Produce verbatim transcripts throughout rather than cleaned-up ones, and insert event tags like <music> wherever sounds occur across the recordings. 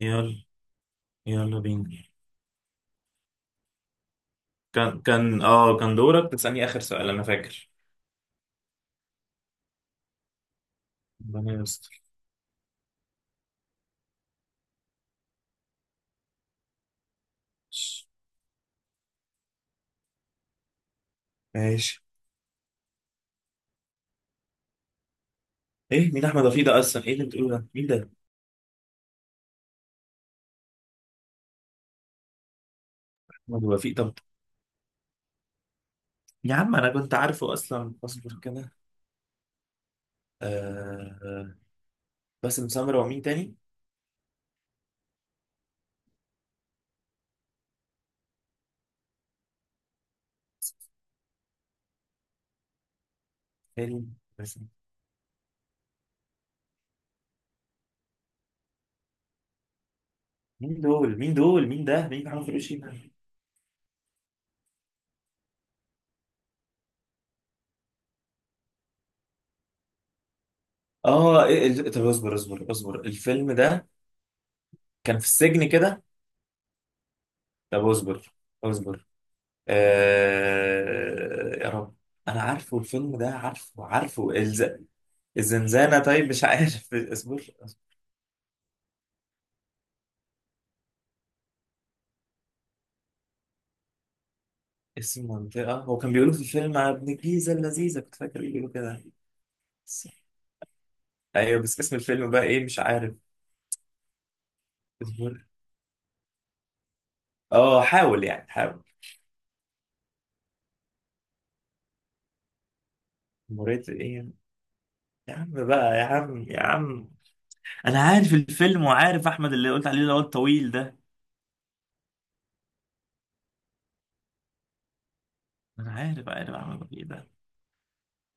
يلا. يلا بينا. كان كان اه كان دورك تسألني آخر سؤال أنا فاكر. ربنا يستر. ماشي. ايه، مين احمد وفيق ده اصلا؟ ايه اللي بتقوله ده؟ مين ده؟ احمد وفيق؟ طب يا عم، انا كنت عارفه اصلا، اصبر كده. آه. باسم سمرة ومين تاني؟ حلو. باسم. مين دول مين دول مين ده؟ مين محمد فلوشي ده؟ اه، إيه ال-، طب اصبر اصبر اصبر، الفيلم ده كان في السجن كده. طب اصبر. اصبر. آه يا رب. انا عارفه الفيلم ده، عارفه عارفه الز...، الزنزانة. طيب مش عارف، اصبر اصبر. اسم منطقة، هو كان بيقولوا في الفيلم على ابن الجيزة اللذيذة، كنت فاكر بيقولوا كده. بس- ايوه بس اسم الفيلم بقى ايه؟ مش عارف. اصبر. اه حاول يعني، حاول. مريت ايه؟ يا عم بقى، يا عم يا عم، انا عارف الفيلم وعارف احمد اللي قلت عليه اللي هو الطويل ده. انا عارف، عارف احمد الطويل ده.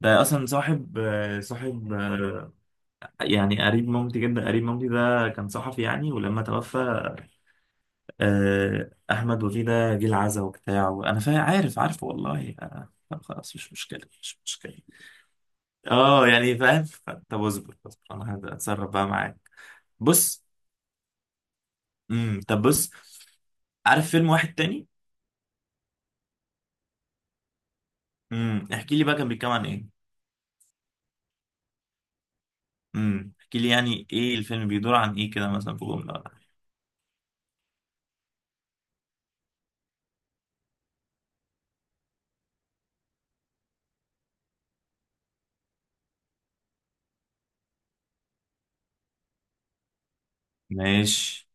ده اصلا صاحب آه، صاحب آه، يعني قريب مامتي، جدا قريب مامتي، ده كان صحفي يعني، ولما توفى آه، احمد وفيه ده جه العزا وبتاع، وانا فاهم، عارف عارف والله. آه، طب خلاص، مش مشكله مش مشكله. اه يعني فاهم. طب اصبر اصبر، انا هت- هتصرف بقى معاك. بص. امم طب بص، عارف فيلم واحد تاني؟ امم احكي لي بقى كان بيتكلم عن ايه. امم احكي لي يعني ايه الفيلم، بيدور عن ايه كده، مثلا في جمله ولا حاجة. ماشي.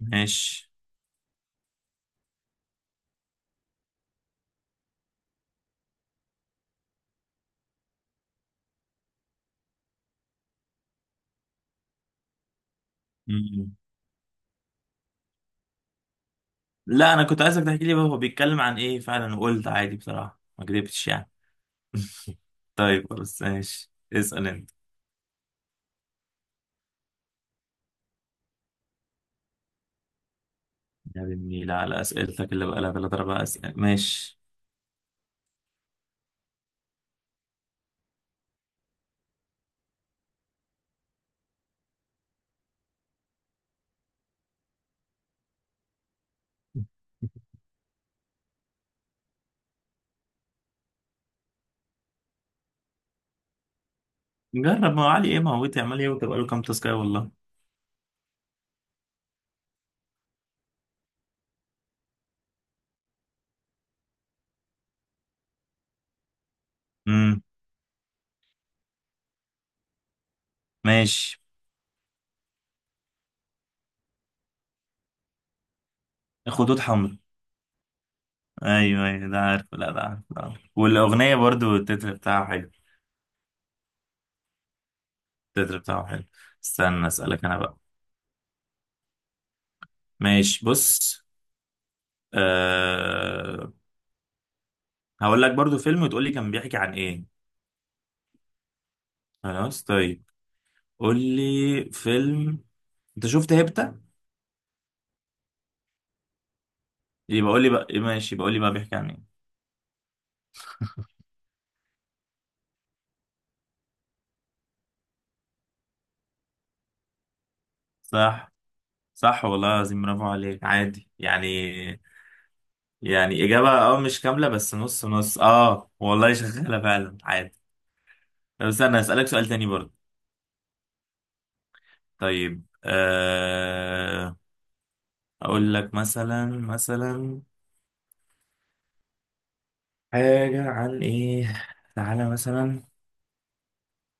ماشي. لا، انا كنت عايزك تحكي لي بقى هو بيتكلم عن ايه فعلا، وقلت عادي بصراحة، ما كدبتش يعني. <laughs> طيب خلاص ماشي، اسأل انت. يا بني النيل على اسئلتك اللي بقى لها ثلاث اربع اسئله، ماشي. جرب، ما هو علي ايه؟ ما هو تعمل ايه وتبقى له كام تاسكايه والله. امم ماشي. خطوط حمراء. ايوه ايوه ده عارف، لا ده عارف، ده عارف. والاغنيه برضو، التتر بتاعه حلو. التتر بتاعه حلو. استنى اسالك انا بقى. ماشي، بص. أه... هقول لك برضو فيلم وتقول لي كان بيحكي عن ايه. خلاص طيب. قول لي. فيلم. انت شفت هيبتا؟ يبقى قول لي بقى إيه، ماشي، يبقى قول لي بقى بيحكي عن ايه. صح. صح والله العظيم، برافو عليك، عادي يعني. يعني اجابه اه مش كامله، بس نص نص، اه والله شغاله فعلا، عادي. طب استنى اسالك سؤال تاني برضه. طيب آه، اقول لك مثلا، مثلا حاجه عن ايه. تعالى مثلا.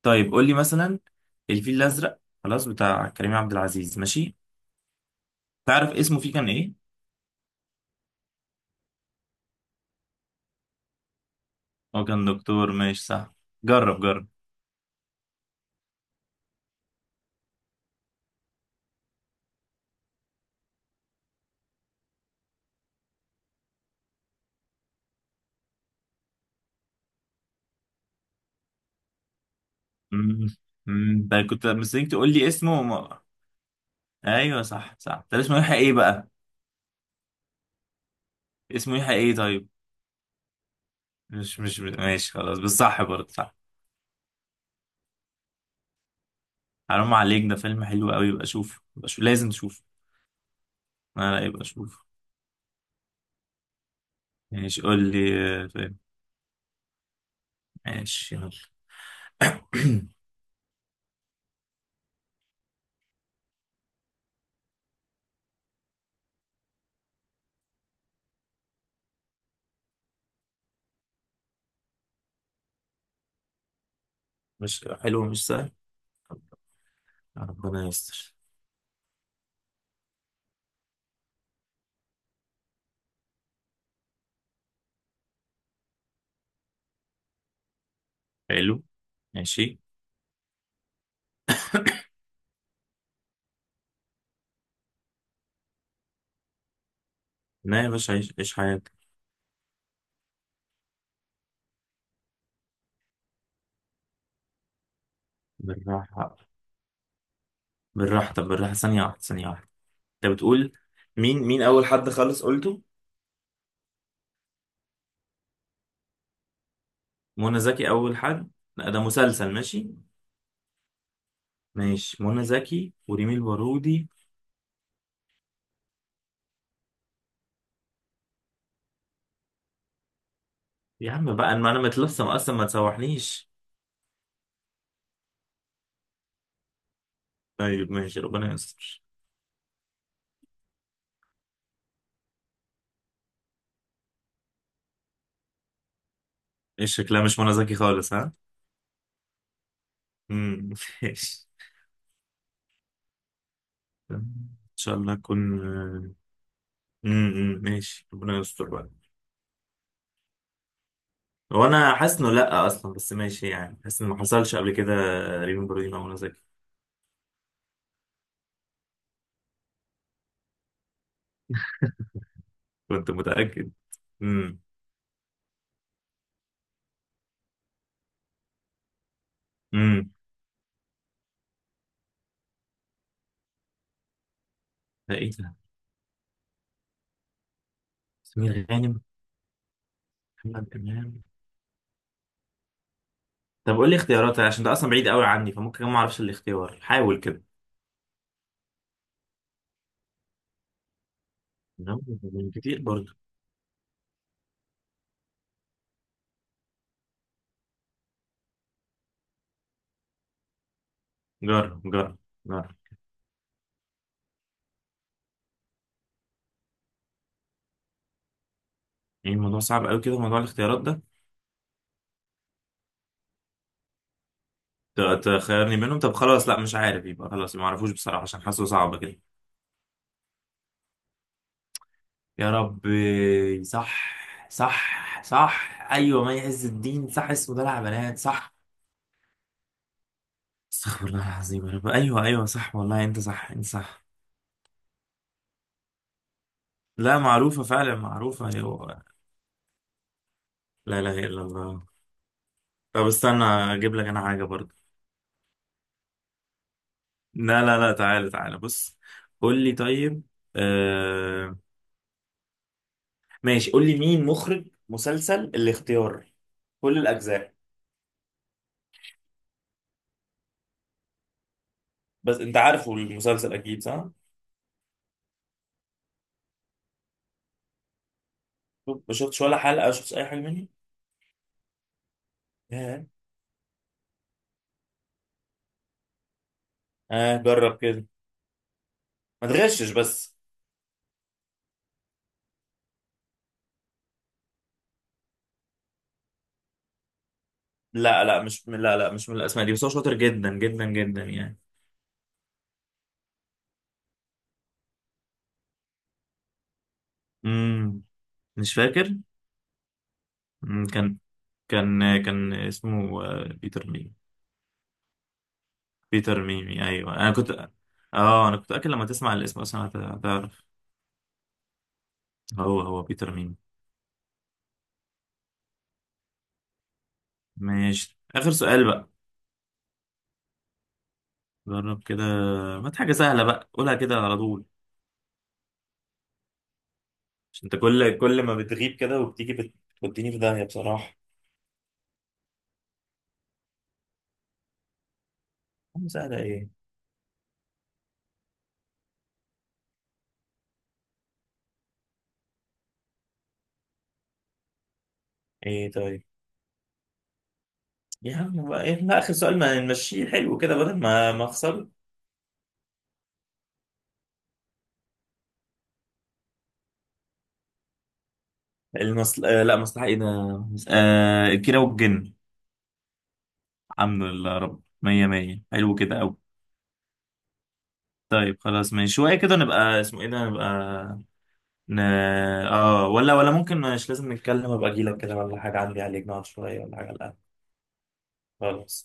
طيب قول لي مثلا، الفيل الازرق خلاص، بتاع كريم عبد العزيز، ماشي. تعرف اسمه فيه كان ايه؟ هو كان دكتور، ماشي صح. جرب، جرب. امم امم ده كنت مستنيك تقول لي اسمه وما... ايوه صح صح. طب اسمه يحيى ايه بقى؟ اسمه يحيى ايه؟ طيب مش مش ماشي خلاص، بس صح، برضه صح. حرام عليك، ده فيلم حلو قوي، يبقى شوف، يبقى شوف لازم تشوفه. لا لا، يبقى شوف. ماشي، قول لي. آه، فيلم. ماشي، يلا. <coughs> مش حلو مش سهل. ربنا يستر. حلو. ماشي. لا يا باشا، عيش عيش حياتك. بالراحة. بالراحة، طب بالراحة، ثانية واحدة ثانية واحدة. انت بتقول مين، مين اول حد خالص قلته؟ منى زكي اول حد؟ لا ده مسلسل، ماشي. ماشي، منى زكي وريمي البارودي. يا عم بقى، ما انا متلصم اصلا، ما تسوحنيش. طيب ماشي، ربنا يستر. ايش شكلها مش منى زكي خالص، ها؟ امم <laughs> ماشي. ان شاء الله اكون. امم ماشي، ربنا يستر بقى. هو انا حاسس انه لا اصلا، بس ماشي، يعني حاسس انه ما حصلش قبل كده. ريمي البارودي مع منى زكي؟ كنت متاكد. امم امم ده ايه ده؟ سمير غانم؟ تمام تمام. طب قول لي اختيارات، عشان ده اصلا بعيد قوي عني، فممكن كمان ما اعرفش الاختيار، حاول كده. لا، من كتير برضه. جرب جرب. جرب. يعني الموضوع صعب قوي كده، موضوع الاختيارات ده. ت- تخيرني منهم، طب خلاص، لا مش عارف، يبقى خلاص ما اعرفوش بصراحة، عشان حاسه صعب كده. يا رب. صح. صح صح، ايوه مي عز الدين، صح اسمه ده بنات، صح. استغفر الله العظيم، يا رب، ايوه ايوه صح والله، انت صح انت صح. لا معروفة فعلا، معروفة، ايوه. لا اله الا الله. طب استنى اجيب لك انا حاجة برضه. لا لا لا، تعالى تعالى بص. قول لي طيب. آه. ماشي، قول لي مين مخرج مسلسل الاختيار، كل الأجزاء. بس أنت عارفه المسلسل أكيد، صح؟ ما شفتش ولا حلقة؟ شفتش أي حاجة منه؟ ياه. آه جرب كده. ما تغشش بس. لا لا، مش من، لا لا مش من الأسماء دي، بس هو شاطر جدا جدا جدا يعني. امم مش فاكر. مم، كان كان كان اسمه آه، بيتر ميمي. بيتر ميمي، أيوه أنا كنت. اه انا كنت اكل، لما تسمع الاسم اصلا هت- هتعرف. هو هو بيتر ميمي. ماشي، آخر سؤال بقى. جرب كده، هات حاجة سهلة بقى، قولها كده على طول. عشان انت كل كل ما بتغيب كده وبتيجي بت- بتوديني في داهية بصراحة. عم سهلة ايه؟ ايه طيب. يا عم بقى إيه؟ لا آخر سؤال ما نمشيه حلو كده، بدل ما ما أخسر. المصل...، آه لا مصلحة ايه ده؟ آه، الكيرة والجن. الحمد لله يا رب، مية مية، حلو كده أوي. طيب خلاص ماشي، شوية كده نبقى، اسمه ايه ده، نبقى. ن- اه ولا ولا ممكن مش لازم نتكلم، ابقى اجي لك كده ولا حاجه، عندي عليك نقعد شويه ولا حاجه؟ لا. خلاص.